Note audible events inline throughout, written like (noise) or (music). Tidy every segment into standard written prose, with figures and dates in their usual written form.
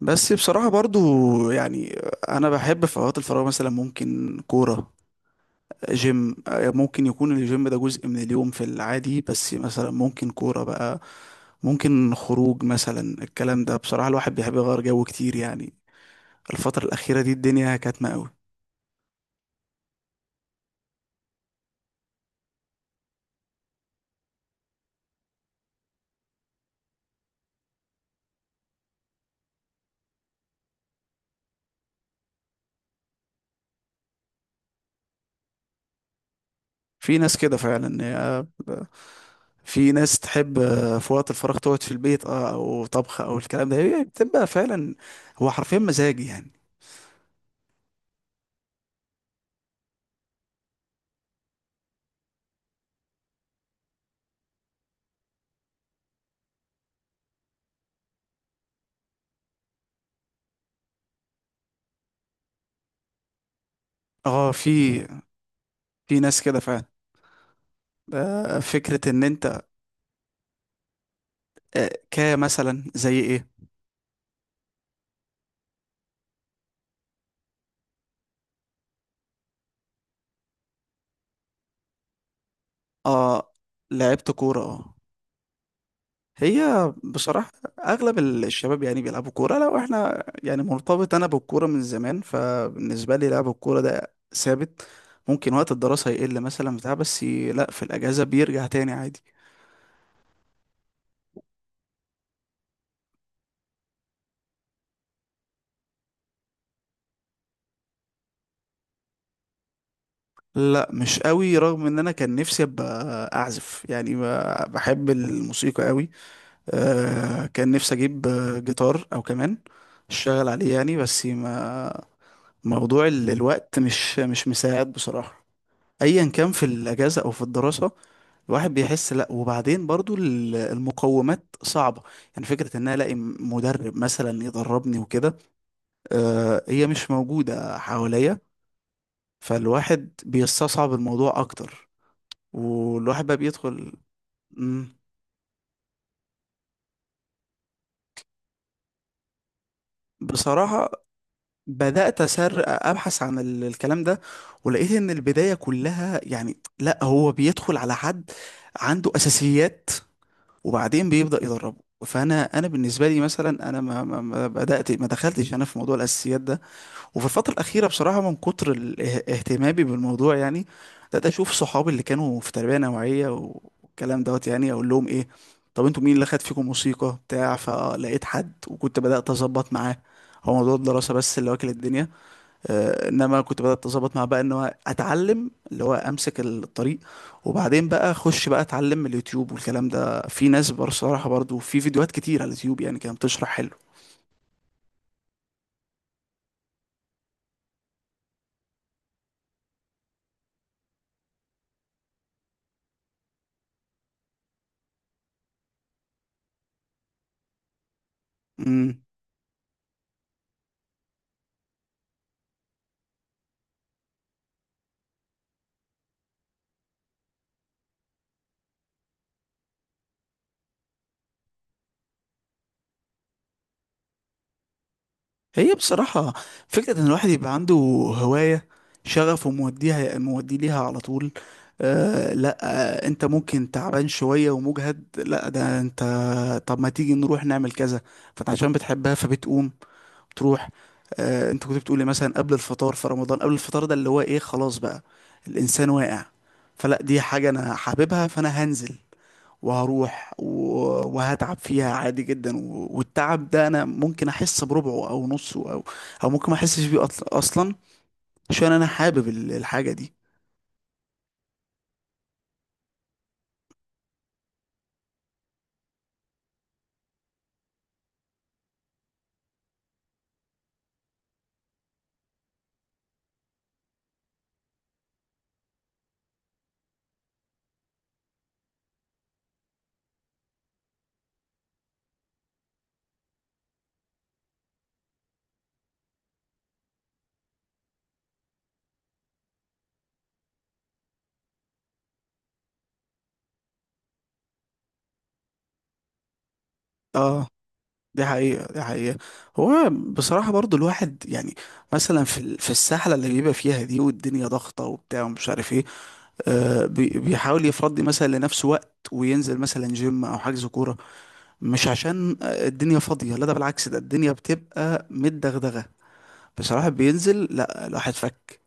بس بصراحة برضو، يعني أنا بحب في أوقات الفراغ مثلا ممكن كورة، جيم. ممكن يكون الجيم ده جزء من اليوم في العادي، بس مثلا ممكن كورة بقى، ممكن خروج مثلا. الكلام ده بصراحة الواحد بيحب يغير جو كتير، يعني الفترة الأخيرة دي الدنيا كاتمة قوي. في ناس كده فعلا في ناس تحب في وقت الفراغ تقعد في البيت، اه، أو طبخ أو الكلام ده، هي بتبقى فعلا هو حرفيا مزاجي يعني. اه، في ناس كده فعلا. فكرة ان انت كمثلا زي ايه. اه، لعبت كورة اه. هي بصراحة اغلب الشباب يعني بيلعبوا كورة. لو احنا يعني مرتبط انا بالكورة من زمان، فبالنسبة لي لعب الكورة ده ثابت. ممكن وقت الدراسة يقل مثلا بتاع، بس لا في الاجازة بيرجع تاني عادي. لا، مش قوي، رغم ان انا كان نفسي ابقى اعزف يعني. بحب الموسيقى قوي. كان نفسي اجيب جيتار او كمان، اشتغل عليه يعني، بس ما، موضوع الوقت مش مساعد بصراحة، ايا كان في الاجازة او في الدراسة. الواحد بيحس، لا، وبعدين برضو المقومات صعبة. يعني فكرة ان انا الاقي مدرب مثلا يدربني وكده، هي مش موجودة حواليا، فالواحد بيستصعب الموضوع اكتر. والواحد بقى بيدخل. مم. بصراحة بدأت أسر أبحث عن الكلام ده، ولقيت إن البداية كلها يعني، لا هو بيدخل على حد عنده أساسيات وبعدين بيبدأ يدربه. فأنا بالنسبة لي مثلا، أنا ما ما دخلتش أنا في موضوع الأساسيات ده. وفي الفترة الأخيرة بصراحة من كتر اهتمامي بالموضوع يعني، بدأت أشوف صحابي اللي كانوا في تربية نوعية والكلام دوت، يعني أقول لهم إيه، طب أنتوا مين اللي خد فيكم موسيقى بتاع، فلقيت حد وكنت بدأت أظبط معاه. هو موضوع الدراسة بس اللي واكل الدنيا. انما كنت بدات اظبط مع بقى ان هو اتعلم، اللي هو امسك الطريق، وبعدين بقى اخش بقى اتعلم من اليوتيوب والكلام ده. في ناس بصراحه برضو، في فيديوهات كتير على اليوتيوب يعني كانت بتشرح حلو. امم هي بصراحه، فكره ان الواحد يبقى عنده هوايه، شغف، وموديها مودي ليها على طول. آه لا، آه، انت ممكن تعبان شويه ومجهد، لا ده انت، طب ما تيجي نروح نعمل كذا. فانت عشان بتحبها فبتقوم تروح. آه، انت كنت بتقولي مثلا قبل الفطار في رمضان، قبل الفطار ده اللي هو ايه، خلاص بقى الانسان واقع، فلا دي حاجة انا حاببها فانا هنزل وهروح وهتعب فيها عادي جدا، والتعب ده انا ممكن احس بربعه او نصه، او او ممكن ما احسش بيه اصلا، عشان انا حابب الحاجة دي. اه، دي حقيقة، دي حقيقة. هو بصراحة برضو الواحد يعني، مثلا في في السحلة اللي بيبقى فيها دي، والدنيا ضغطة وبتاع ومش عارف ايه، بيحاول يفضي مثلا لنفسه وقت وينزل مثلا جيم او حجز كوره. مش عشان الدنيا فاضيه، لا ده بالعكس، ده الدنيا بتبقى متدغدغه بصراحه بينزل. لا، الواحد فك،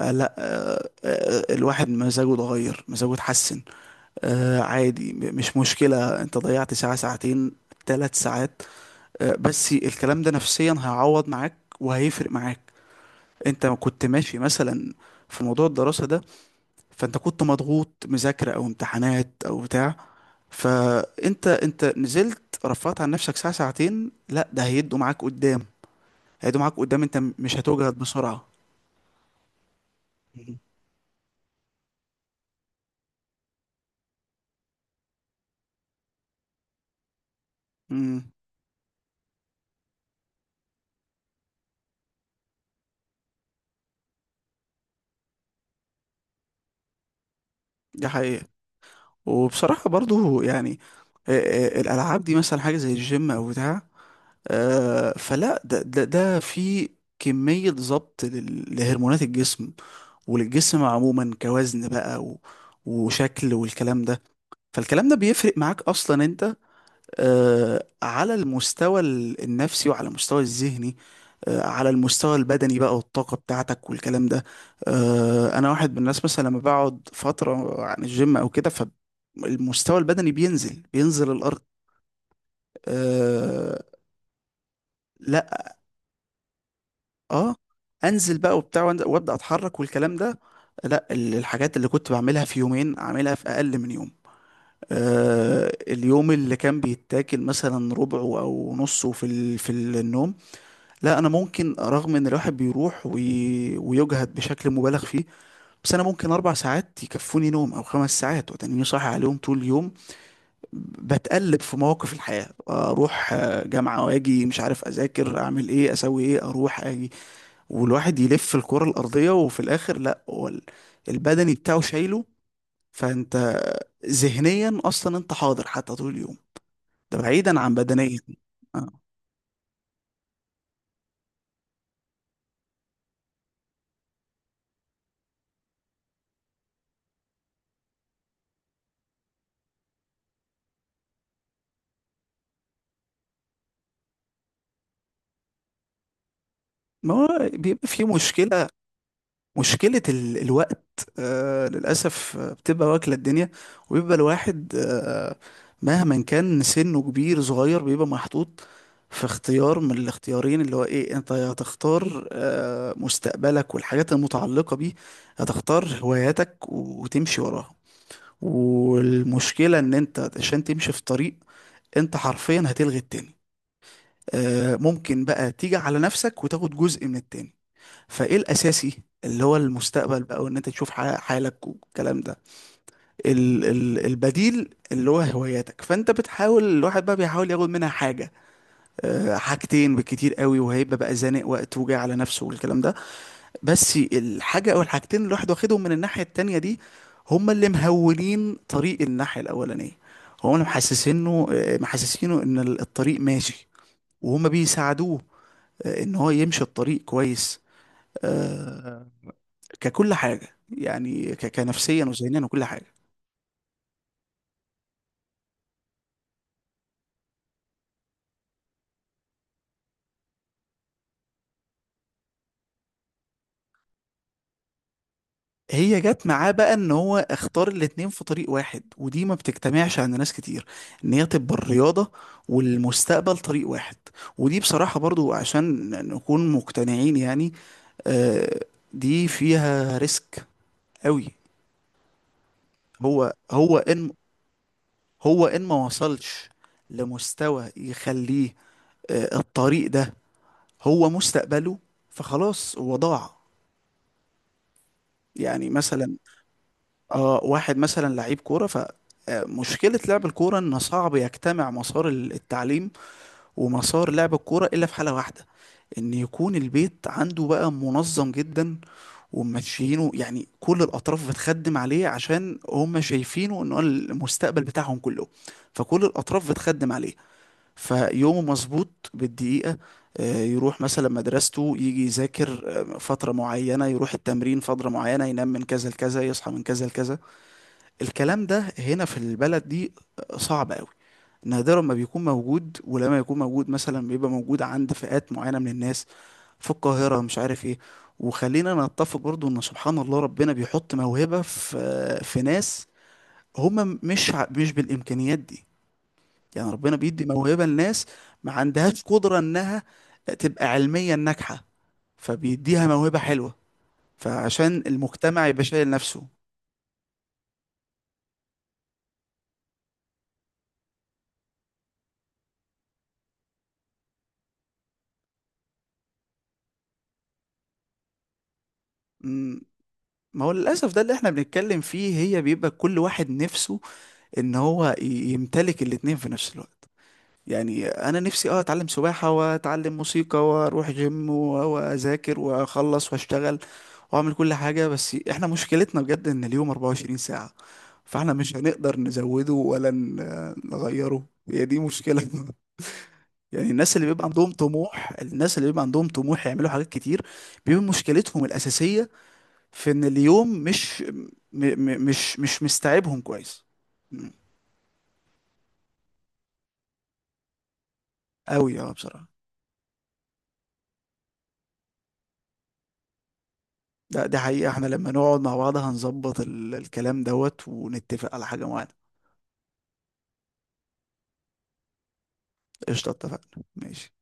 آه، لا آه، آه، الواحد مزاجه اتغير، مزاجه اتحسن. عادي، مش مشكله انت ضيعت ساعه، ساعتين، ثلاث ساعات، بس الكلام ده نفسيا هيعوض معاك وهيفرق معاك. انت كنت ماشي مثلا في موضوع الدراسه ده، فانت كنت مضغوط مذاكرة او امتحانات او بتاع، فانت نزلت رفعت عن نفسك ساعة ساعتين، لا ده هيدوا معاك قدام، هيدوا معاك قدام، انت مش هتوجد بسرعة. امم دي حقيقة. وبصراحة برضو يعني، آه، الالعاب دي مثلا، حاجة زي الجيم او بتاع، فلا ده ده في كمية ضبط لهرمونات الجسم، وللجسم عموما كوزن بقى، و... وشكل والكلام ده. فالكلام ده بيفرق معاك اصلا انت، على المستوى النفسي وعلى المستوى الذهني، على المستوى البدني بقى والطاقة بتاعتك والكلام ده. أنا واحد من الناس مثلا، لما بقعد فترة عن الجيم أو كده فالمستوى البدني بينزل الأرض. أه، لا، اه، انزل بقى وبتاع وابدا اتحرك والكلام ده، لا الحاجات اللي كنت بعملها في يومين اعملها في اقل من يوم. أه، اليوم اللي كان بيتاكل مثلا ربعه او نصه في في النوم، لا انا ممكن، رغم ان الواحد بيروح ويجهد بشكل مبالغ فيه، بس انا ممكن اربع ساعات يكفوني نوم او خمس ساعات وتنيني صاحي عليهم طول اليوم. بتقلب في مواقف الحياة، اروح جامعة واجي مش عارف اذاكر اعمل ايه اسوي ايه اروح اجي، والواحد يلف الكرة الارضية، وفي الاخر لا، هو البدني بتاعه شايله. فانت ذهنيا اصلا انت حاضر حتى طول اليوم، ده بعيدا عن بدنيا. آه. ما هو بيبقى في مشكلة، مشكلة الوقت، للأسف، بتبقى واكلة الدنيا. وبيبقى الواحد، آه، مهما كان سنه كبير صغير بيبقى محطوط في اختيار من الاختيارين، اللي هو ايه، انت يا هتختار مستقبلك والحاجات المتعلقة بيه، هتختار هواياتك وتمشي وراها. والمشكلة ان انت عشان تمشي في طريق، انت حرفيا هتلغي التاني. ممكن بقى تيجي على نفسك وتاخد جزء من التاني. فايه الاساسي اللي هو المستقبل بقى، وان انت تشوف حالك والكلام ده، ال ال البديل اللي هو هواياتك، فانت بتحاول، الواحد بقى بيحاول ياخد منها حاجه، أه، حاجتين بالكتير قوي، وهيبقى بقى زانق وقت وجاي على نفسه والكلام ده. بس الحاجه او الحاجتين اللي الواحد واخدهم من الناحيه التانيه دي، هما اللي مهولين طريق الناحيه الاولانيه، هما اللي محسسينه محسسينه ان الطريق ماشي، وهما بيساعدوه ان هو يمشي الطريق كويس، آه، ككل حاجة يعني، كنفسيا وذهنيا وكل حاجة. هي جت معاه بقى، ان هو اختار الاتنين في طريق واحد، ودي ما بتجتمعش عند ناس كتير، ان هي تبقى الرياضة والمستقبل طريق واحد. ودي بصراحة برضو، عشان نكون مقتنعين يعني، آه دي فيها ريسك قوي. هو هو ان هو ان ما وصلش لمستوى يخليه، الطريق ده هو مستقبله، فخلاص هو ضاع. يعني مثلا اه، واحد مثلا لعيب كورة ف، مشكلة لعب الكورة إن صعب يجتمع مسار التعليم ومسار لعب الكورة، إلا في حالة واحدة، إن يكون البيت عنده بقى منظم جدا وماشيينه، يعني كل الأطراف بتخدم عليه عشان هم شايفينه إن هو المستقبل بتاعهم كله، فكل الأطراف بتخدم عليه، فيومه مظبوط بالدقيقة، يروح مثلا مدرسته يجي يذاكر فترة معينة، يروح التمرين فترة معينة، ينام من كذا لكذا، يصحى من كذا لكذا. الكلام ده هنا في البلد دي صعب قوي، نادرا ما بيكون موجود، ولما يكون موجود مثلا بيبقى موجود عند فئات معينة من الناس في القاهرة، مش عارف ايه. وخلينا نتفق برضو ان سبحان الله ربنا بيحط موهبة في في ناس هم مش بالامكانيات دي، يعني ربنا بيدي موهبة لناس ما عندهاش قدرة انها تبقى علميا ناجحة، فبيديها موهبة حلوة، فعشان المجتمع يبقى شايل نفسه. ما هو للأسف ده اللي احنا بنتكلم فيه، هي بيبقى كل واحد نفسه ان هو يمتلك الاتنين في نفس الوقت. يعني انا نفسي اه، اتعلم سباحة واتعلم موسيقى واروح جيم واذاكر واخلص واشتغل واعمل كل حاجة، بس احنا مشكلتنا بجد ان اليوم 24 ساعة، فاحنا مش هنقدر نزوده ولا نغيره، هي دي مشكلة. (laughs) يعني الناس اللي بيبقى عندهم طموح الناس اللي بيبقى عندهم طموح يعملوا حاجات كتير بيبقى مشكلتهم الأساسية في ان اليوم مش م م مش مش مستوعبهم كويس قوي. اه بصراحة. ده دي حقيقة، احنا لما نقعد مع بعض هنظبط الكلام دوت ونتفق على حاجة معينة. قشطة، اتفقنا، ماشي.